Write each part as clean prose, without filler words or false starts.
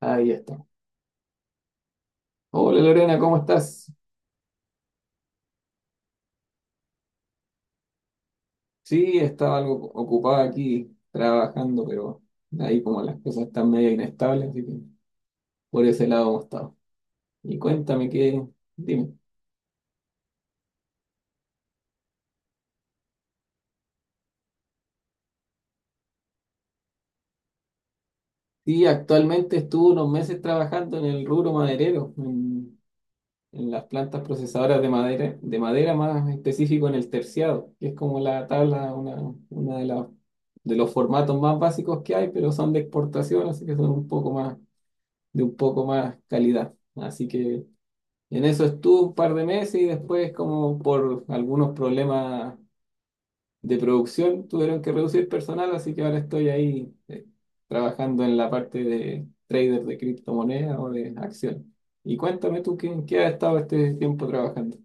Ahí está. Hola Lorena, ¿cómo estás? Sí, estaba algo ocupada aquí trabajando, pero ahí como las cosas están medio inestables, así que por ese lado hemos estado. Y cuéntame dime. Sí, actualmente estuve unos meses trabajando en el rubro maderero, en las plantas procesadoras de madera, más específico en el terciado, que es como la tabla, una de los formatos más básicos que hay, pero son de exportación, así que son un poco más de un poco más calidad. Así que en eso estuve un par de meses y después, como por algunos problemas de producción, tuvieron que reducir personal, así que ahora estoy ahí trabajando en la parte de trader de criptomonedas o de acciones. Y cuéntame tú, ¿en qué has estado este tiempo trabajando?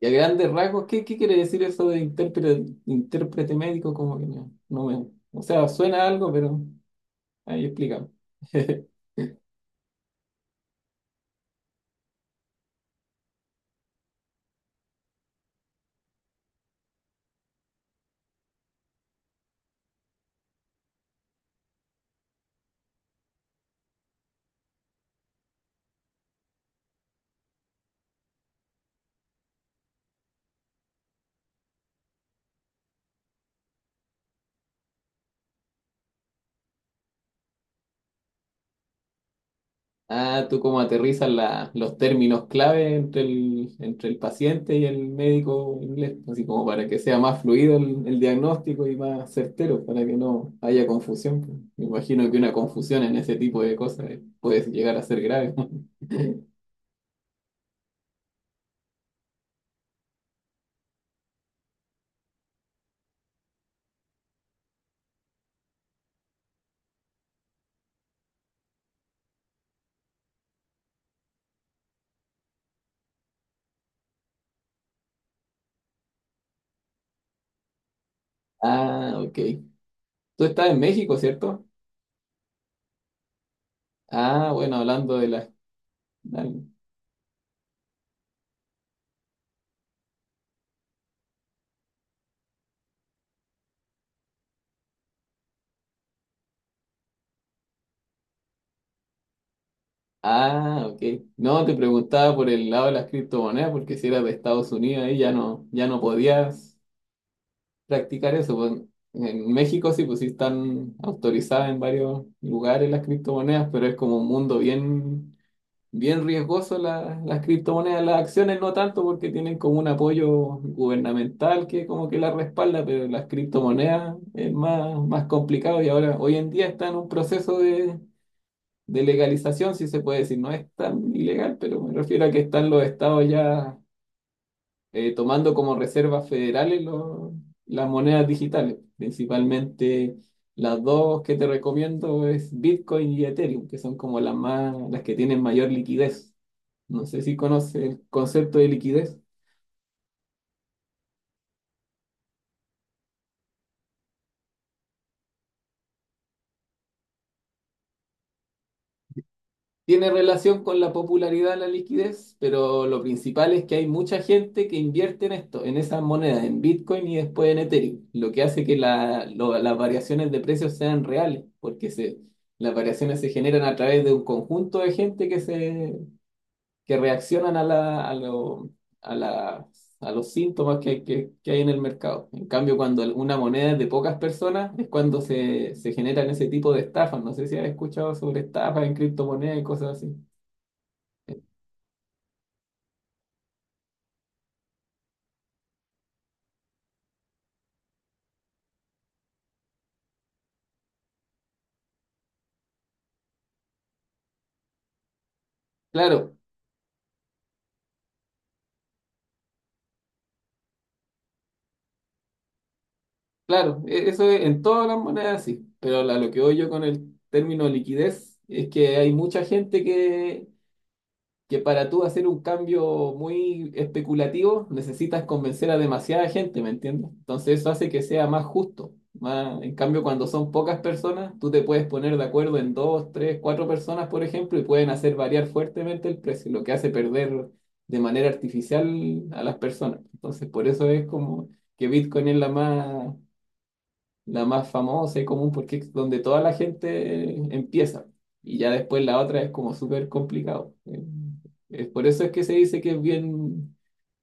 Y a grandes rasgos, ¿qué quiere decir eso de intérprete médico? Como que no me... O sea, suena algo, pero ahí explícame. Ah, tú cómo aterrizas los términos clave entre el paciente y el médico inglés, así como para que sea más fluido el diagnóstico y más certero, para que no haya confusión, pues. Me imagino que una confusión en ese tipo de cosas puede llegar a ser grave. Ah, ok. Tú estás en México, ¿cierto? Ah, bueno, hablando de las... Ah, ok. No, te preguntaba por el lado de las criptomonedas, porque si eras de Estados Unidos ahí ya no podías practicar eso, pues, en México sí, pues sí están autorizadas en varios lugares las criptomonedas, pero es como un mundo bien, bien riesgoso las criptomonedas. Las acciones no tanto porque tienen como un apoyo gubernamental que como que las respalda, pero las criptomonedas es más complicado y ahora hoy en día está en un proceso de legalización, si se puede decir, no es tan ilegal, pero me refiero a que están los estados ya tomando como reservas federales las monedas digitales. Principalmente las dos que te recomiendo es Bitcoin y Ethereum, que son como las que tienen mayor liquidez. No sé si conoces el concepto de liquidez. Tiene relación con la popularidad de la liquidez, pero lo principal es que hay mucha gente que invierte en esto, en esas monedas, en Bitcoin y después en Ethereum, lo que hace que las variaciones de precios sean reales, las variaciones se generan a través de un conjunto de gente que reaccionan a, la, a, lo- a, la- a los síntomas que hay en el mercado. En cambio, cuando una moneda es de pocas personas, es cuando se generan ese tipo de estafas. No sé si has escuchado sobre estafas en criptomonedas y cosas así. Claro, claro, eso es en todas las monedas sí, pero a lo que voy yo con el término liquidez es que hay mucha gente que para tú hacer un cambio muy especulativo necesitas convencer a demasiada gente, ¿me entiendes? Entonces eso hace que sea más justo. En cambio, cuando son pocas personas, tú te puedes poner de acuerdo en dos, tres, cuatro personas, por ejemplo, y pueden hacer variar fuertemente el precio, lo que hace perder de manera artificial a las personas. Entonces, por eso es como que Bitcoin es la más famosa y común porque es donde toda la gente empieza. Y ya después la otra es como súper complicado. Es por eso es que se dice que es bien,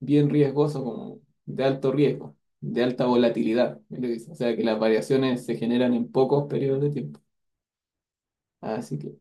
bien riesgoso, como de alto riesgo, de alta volatilidad, es lo que dice. O sea que las variaciones se generan en pocos periodos de tiempo. Así que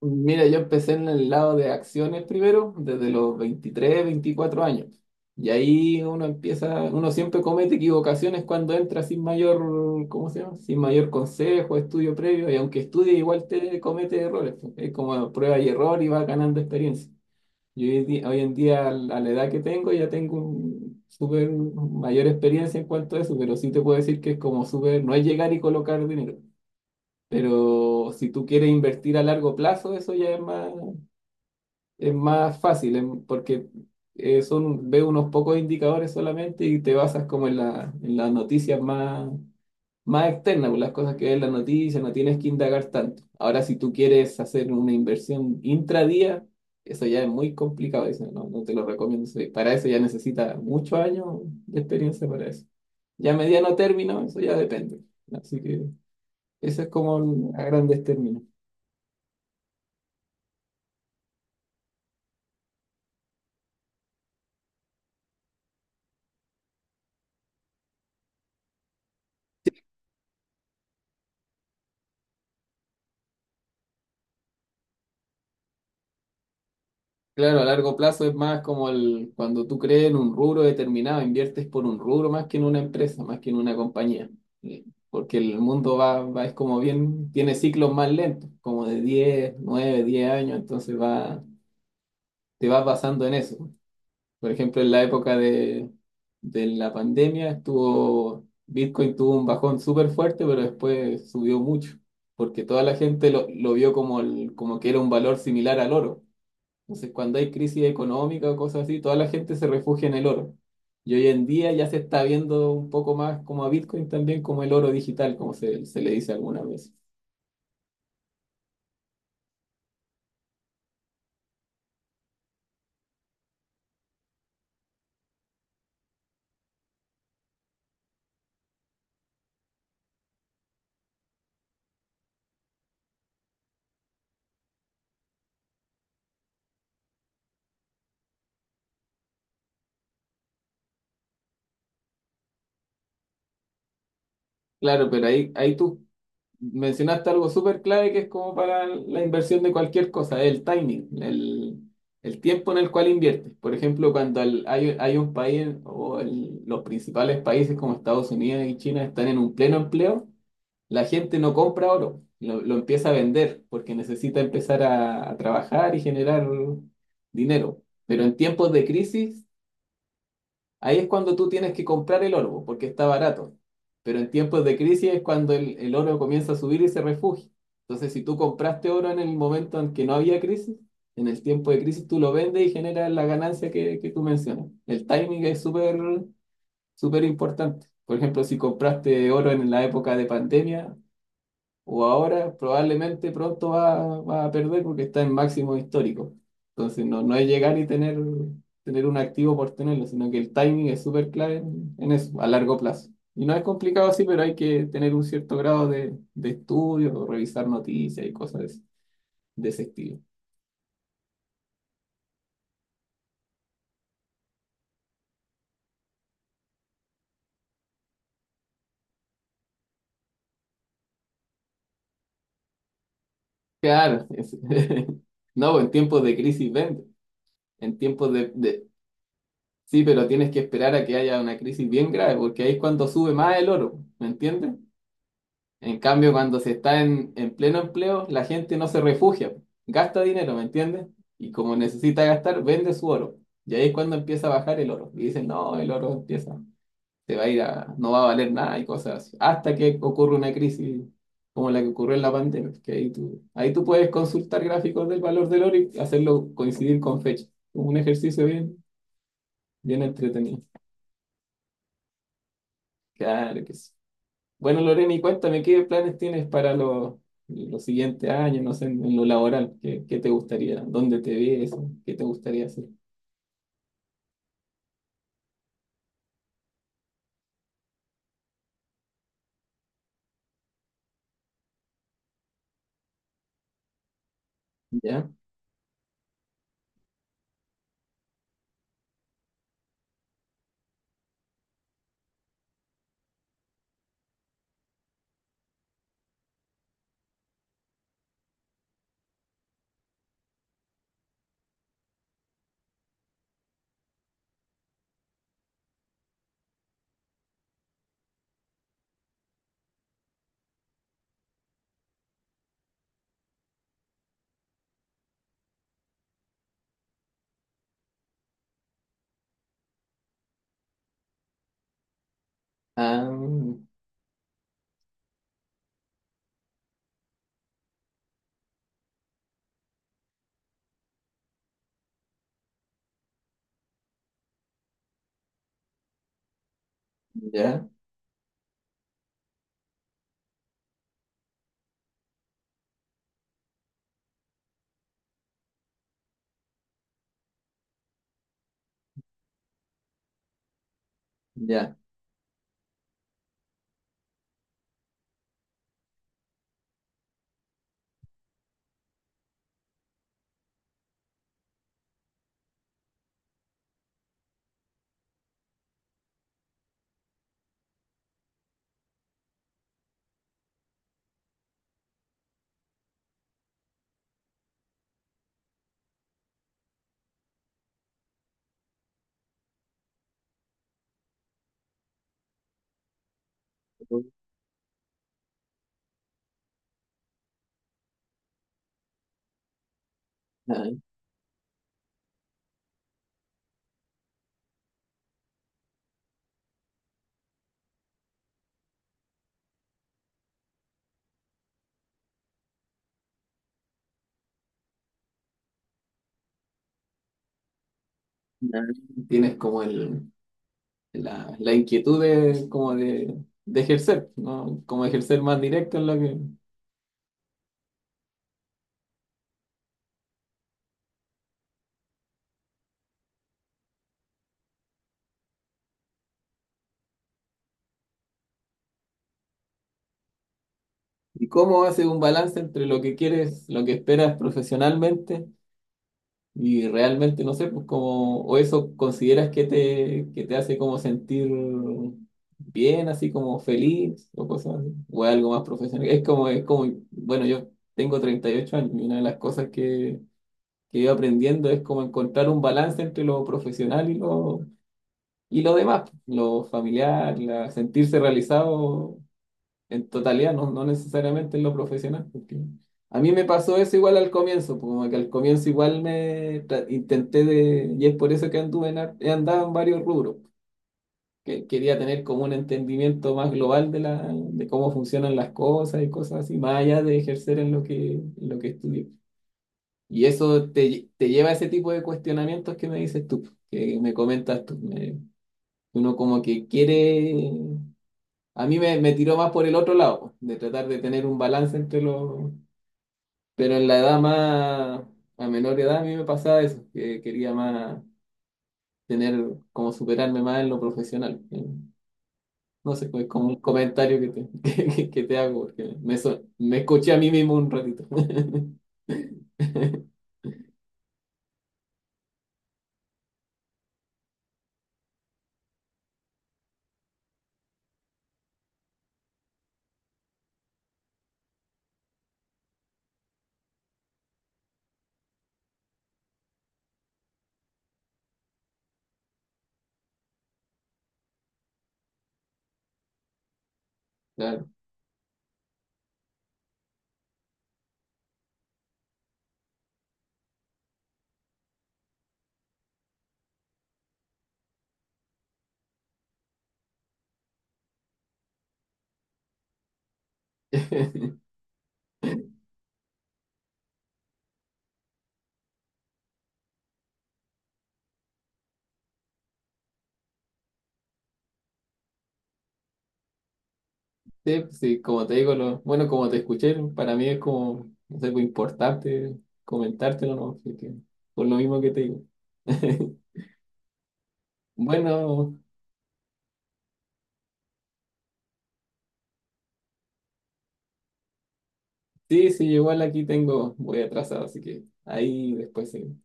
Mira, yo empecé en el lado de acciones primero, desde los 23, 24 años. Y ahí uno empieza, uno siempre comete equivocaciones cuando entra sin mayor, ¿cómo se llama? Sin mayor consejo, estudio previo, y aunque estudie igual te comete errores, pues. Es como prueba y error y va ganando experiencia. Yo hoy en día, a la edad que tengo, ya tengo un súper mayor experiencia en cuanto a eso, pero sí te puedo decir que es como súper, no es llegar y colocar dinero. Pero si tú quieres invertir a largo plazo, eso ya es más fácil, porque ve unos pocos indicadores solamente y te basas como en las noticias más, más externas, pues, las cosas que ves en las noticias, no tienes que indagar tanto. Ahora, si tú quieres hacer una inversión intradía, eso ya es muy complicado, eso no te lo recomiendo. Para eso ya necesitas muchos años de experiencia para eso. Ya a mediano término, eso ya depende. Así que eso es como a grandes términos. Claro, a largo plazo es más como cuando tú crees en un rubro determinado, inviertes por un rubro más que en una empresa, más que en una compañía. Porque el mundo va, es como bien, tiene ciclos más lentos, como de 10, 9, 10 años, entonces te vas basando en eso. Por ejemplo, en la época de la pandemia Bitcoin tuvo un bajón súper fuerte, pero después subió mucho, porque toda la gente lo vio como que era un valor similar al oro. Entonces, cuando hay crisis económica o cosas así, toda la gente se refugia en el oro. Y hoy en día ya se está viendo un poco más como a Bitcoin también, como el oro digital, como se le dice algunas veces. Claro, pero ahí tú mencionaste algo súper clave que es como para la inversión de cualquier cosa, el timing, el tiempo en el cual inviertes. Por ejemplo, cuando hay un país o los principales países como Estados Unidos y China están en un pleno empleo. La gente no compra oro, lo empieza a vender porque necesita empezar a trabajar y generar dinero. Pero en tiempos de crisis, ahí es cuando tú tienes que comprar el oro porque está barato. Pero en tiempos de crisis es cuando el oro comienza a subir y se refugia. Entonces, si tú compraste oro en el momento en que no había crisis, en el tiempo de crisis tú lo vendes y generas la ganancia que tú mencionas. El timing es súper, súper importante. Por ejemplo, si compraste oro en la época de pandemia, o ahora probablemente pronto va a perder porque está en máximo histórico. Entonces no es llegar y tener un activo por tenerlo, sino que el timing es súper clave en eso, a largo plazo. Y no es complicado así, pero hay que tener un cierto grado de estudio, o revisar noticias y cosas de ese estilo. Claro, no, en tiempos de crisis vende, en tiempos de. Sí, pero tienes que esperar a que haya una crisis bien grave, porque ahí es cuando sube más el oro, ¿me entiendes? En cambio, cuando se está en pleno empleo, la gente no se refugia, gasta dinero, ¿me entiendes? Y como necesita gastar, vende su oro. Y ahí es cuando empieza a bajar el oro. Y dicen, no, el oro se va a ir a, no va a valer nada y cosas así. Hasta que ocurre una crisis como la que ocurrió en la pandemia, que ahí tú puedes consultar gráficos del valor del oro y hacerlo coincidir con fecha. Un ejercicio bien, bien entretenido. Claro que sí. Bueno, Lorena, y cuéntame, ¿qué planes tienes para los siguientes años, no sé, en lo laboral? ¿Qué te gustaría? ¿Dónde te ves? ¿Qué te gustaría hacer? ¿Ya? Ah, ya, ya. Ah, ya. Tienes como la inquietud de ejercer, ¿no? Como ejercer más directo en lo que... ¿Y cómo haces un balance entre lo que quieres, lo que esperas profesionalmente? Y realmente, no sé, pues como, o eso consideras que te hace como sentir bien, así como feliz, o cosas así, o es algo más profesional. Es como, bueno, yo tengo 38 años y una de las cosas que he ido aprendiendo es como encontrar un balance entre lo profesional y y lo demás, pues, lo familiar, sentirse realizado en totalidad, no necesariamente en lo profesional. Porque a mí me pasó eso igual al comienzo, pues, como que al comienzo igual intenté de, y es por eso que he andado en varios rubros, que quería tener como un entendimiento más global de cómo funcionan las cosas y cosas así, más allá de ejercer en lo que estudié. Y eso te lleva a ese tipo de cuestionamientos que me dices tú, que me comentas tú. Uno como que quiere a mí me tiró más por el otro lado, de tratar de tener un balance entre los... Pero en a menor edad, a mí me pasaba eso, que quería más tener, como superarme más en lo profesional. No sé, es como un comentario que que te hago, porque me escuché a mí mismo un ratito. Claro. Sí, sí, como te digo, bueno, como te escuché, para mí es como, no sé, pues, importante comentártelo, ¿no? Así que, por lo mismo que te digo. Bueno, sí, sí, igual aquí tengo, voy atrasado, así que ahí después sí.